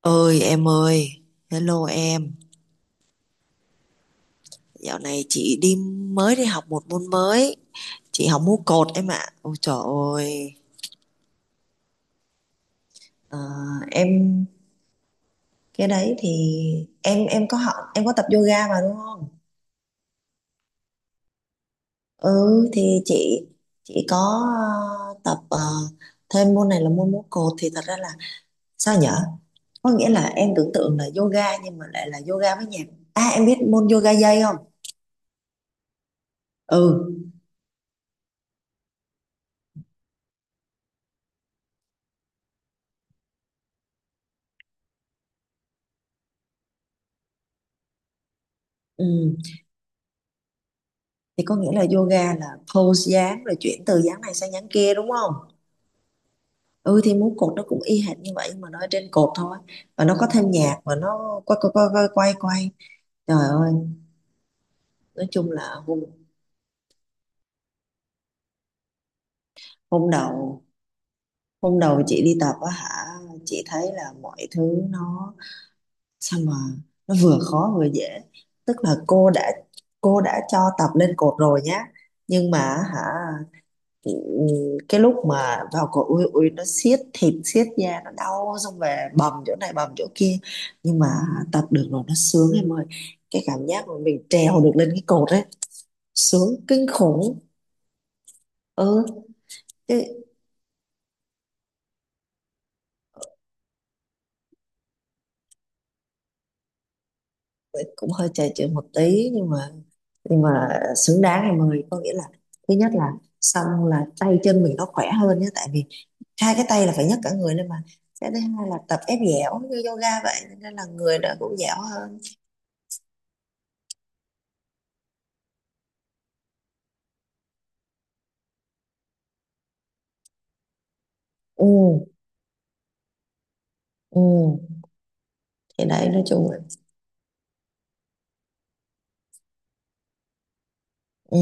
Ơi em ơi, hello em. Dạo này chị mới đi học một môn mới, chị học múa cột em ạ. Ôi trời ơi. Ờ, em cái đấy thì em có học em có tập yoga mà đúng không? Ừ, thì chị có tập thêm môn này là môn múa cột, thì thật ra là sao nhở? Có nghĩa là em tưởng tượng là yoga nhưng mà lại là yoga với nhạc. À, em biết môn yoga dây không? Ừ. Ừ, thì có nghĩa là yoga là pose dáng rồi chuyển từ dáng này sang dáng kia đúng không? Ừ, thì múa cột nó cũng y hệt như vậy, nhưng mà nó ở trên cột thôi, và nó có thêm nhạc, và nó quay quay quay quay quay quay. Trời ơi, nói chung là hôm hôm đầu hôm đầu chị đi tập á hả, chị thấy là mọi thứ nó sao mà, nó vừa khó vừa dễ. Tức là cô đã cho tập lên cột rồi nhá, nhưng mà hả. Ừ, cái lúc mà vào cổ ui ui nó siết thịt siết da nó đau, xong về bầm chỗ này bầm chỗ kia, nhưng mà tập được rồi nó sướng em ơi. Cái cảm giác mà mình trèo được lên cái cột ấy sướng kinh khủng. Ừ, chứ cũng hơi trầy trội một tí, nhưng mà xứng đáng em ơi. Có nghĩa là thứ nhất là, xong là tay chân mình nó khỏe hơn nhé, tại vì hai cái tay là phải nhấc cả người lên mà. Cái thứ hai là tập ép dẻo như yoga vậy, nên là người nó cũng dẻo hơn. Ừ. Ừ, thì đấy nói chung là ừ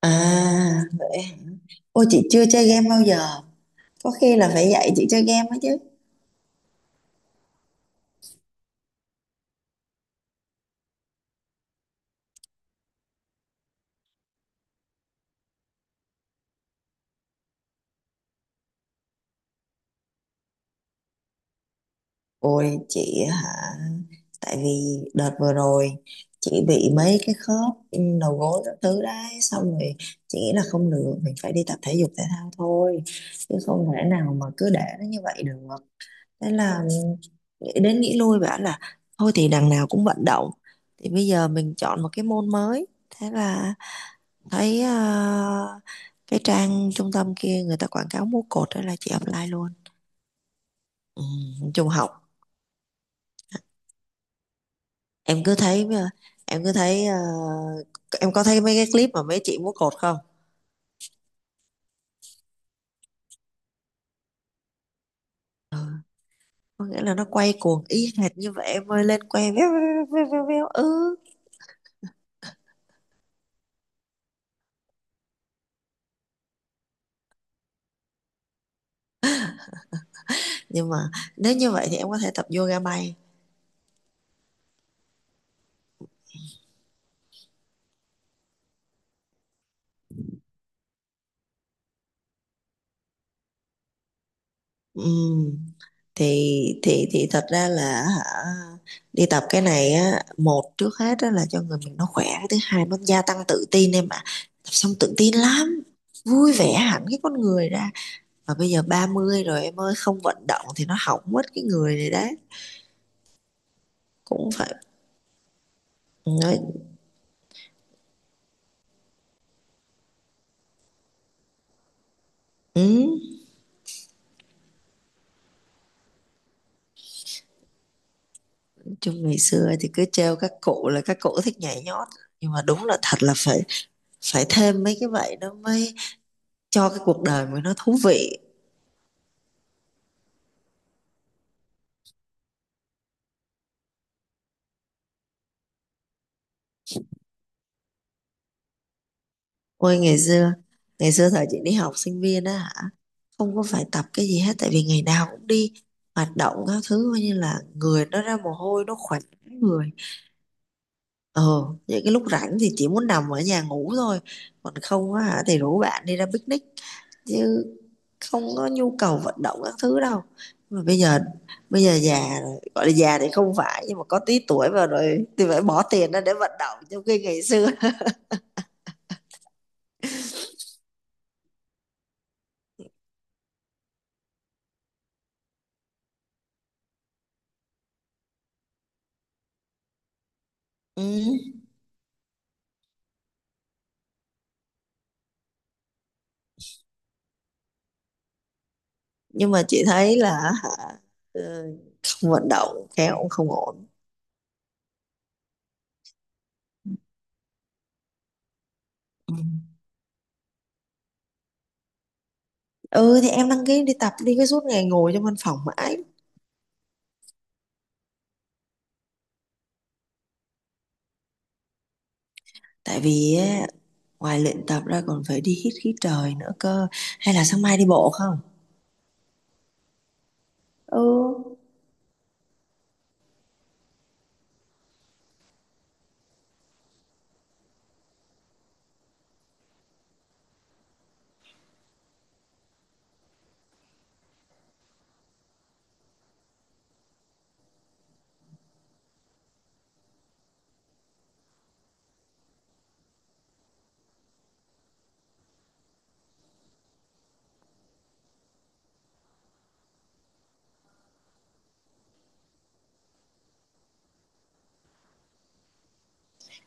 à vậy. Ôi, chị chưa chơi game bao giờ, có khi là phải dạy chị chơi game ấy chứ. Ôi chị hả, tại vì đợt vừa rồi chị bị mấy cái khớp, đầu gối các thứ đấy, xong rồi chị nghĩ là không được, mình phải đi tập thể dục thể thao thôi, chứ không thể nào mà cứ để nó như vậy được. Thế là nghĩ đến nghĩ lui bảo là, thôi thì đằng nào cũng vận động, thì bây giờ mình chọn một cái môn mới. Thế là thấy cái trang trung tâm kia người ta quảng cáo múa cột đó là chị apply luôn. Ừ, nói chung học, em cứ thấy ờ, em cứ thấy ờ, em có thấy mấy cái clip mà mấy chị múa cột không? Có nghĩa là nó quay cuồng y hệt như vậy em ơi, lên que véo véo véo véo véo, véo, ừ. Nhưng mà nếu như vậy thì em có thể tập yoga bay. Ừ. Thì thật ra là hả, đi tập cái này á, một trước hết á là cho người mình nó khỏe, cái thứ hai nó gia tăng tự tin em ạ. Tập xong tự tin lắm, vui vẻ hẳn cái con người ra. Mà bây giờ 30 rồi em ơi, không vận động thì nó hỏng mất cái người này đấy. Cũng phải nói. ừ. Chung ngày xưa thì cứ trêu các cụ là các cụ thích nhảy nhót, nhưng mà đúng là thật là phải phải thêm mấy cái vậy nó mới cho cái cuộc đời mình nó thú vị. Ôi ngày xưa thời chị đi học sinh viên á hả, không có phải tập cái gì hết, tại vì ngày nào cũng đi hoạt động các thứ, coi như là người nó ra mồ hôi nó khỏe người. Ờ, những cái lúc rảnh thì chỉ muốn nằm ở nhà ngủ thôi, còn không á hả thì rủ bạn đi ra picnic, chứ không có nhu cầu vận động các thứ đâu. Mà bây giờ già rồi, gọi là già thì không phải nhưng mà có tí tuổi vào rồi thì phải bỏ tiền ra để vận động, trong khi ngày xưa. Ừ. Nhưng mà chị thấy là hả, ờ, không vận động khéo cũng không ổn. Ừ. Ừ, thì em đăng ký đi tập đi, cái suốt ngày ngồi trong văn phòng mãi. Tại vì á, ngoài luyện tập ra còn phải đi hít khí trời nữa cơ, hay là sáng mai đi bộ không? Ừ,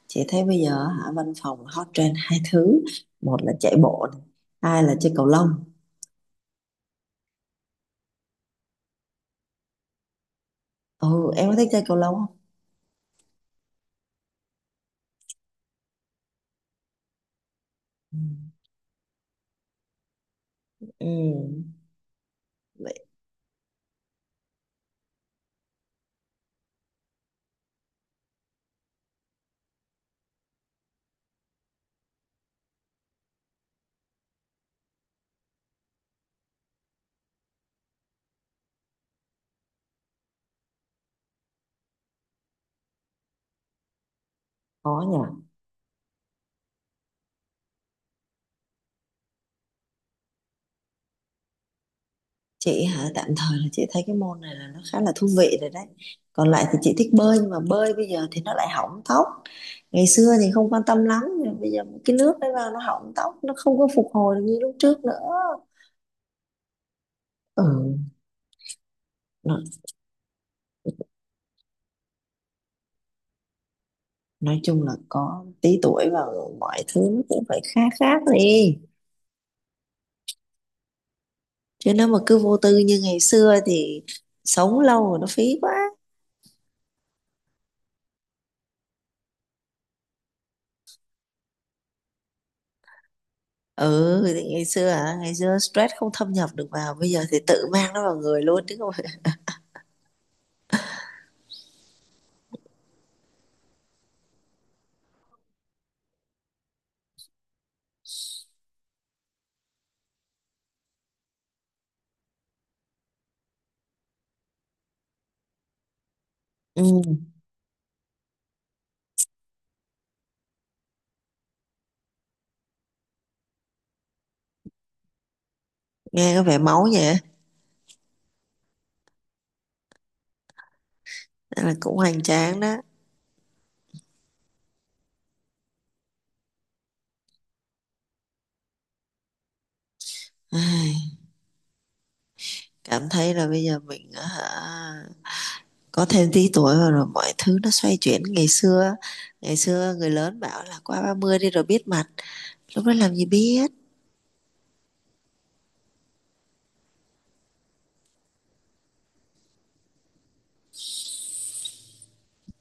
chị thấy bây giờ hả, văn phòng hot trend hai thứ: một là chạy bộ này, hai là chơi cầu lông. Ừ, em có thích chơi cầu lông không? Ừ. Ừ vậy, khó nhỉ. Chị hả, tạm thời là chị thấy cái môn này là nó khá là thú vị rồi đấy. Còn lại thì chị thích bơi, nhưng mà bơi bây giờ thì nó lại hỏng tóc. Ngày xưa thì không quan tâm lắm, nhưng bây giờ cái nước đấy vào nó hỏng tóc, nó không có phục hồi được như lúc trước nữa. Ừ, nói, nói chung là có tí tuổi và mọi thứ nó cũng phải khác khác đi, chứ nếu mà cứ vô tư như ngày xưa thì sống lâu rồi nó phí quá. Ừ, thì ngày xưa hả, ngày xưa stress không thâm nhập được vào, bây giờ thì tự mang nó vào người luôn chứ không phải. Ừ, nghe có vẻ máu vậy á, nên là cũng hoành tráng đó. Ai, cảm thấy là bây giờ mình á hả, có thêm tí tuổi rồi, rồi mọi thứ nó xoay chuyển. Ngày xưa, ngày xưa người lớn bảo là qua 30 đi rồi biết mặt, lúc đó làm gì biết.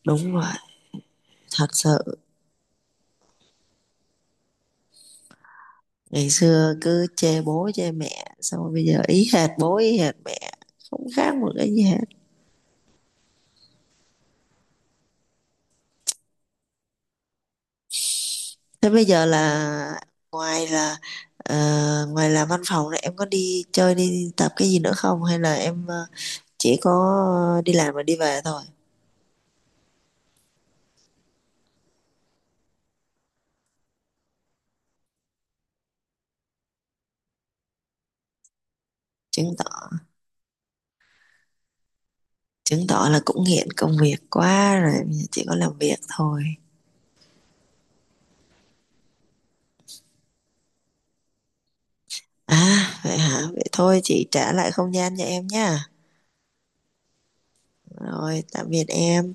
Đúng rồi, thật sự. Ngày xưa cứ chê bố chê mẹ, xong rồi bây giờ ý hệt bố ý hệt mẹ, không khác một cái gì hết. Thế bây giờ là ngoài là ờ, ngoài là văn phòng này em có đi chơi đi tập cái gì nữa không, hay là em chỉ có đi làm và đi về thôi? chứng tỏ Chứng tỏ là cũng nghiện công việc quá rồi, chỉ có làm việc thôi. À vậy hả, vậy thôi chị trả lại không gian cho em nha. Rồi tạm biệt em.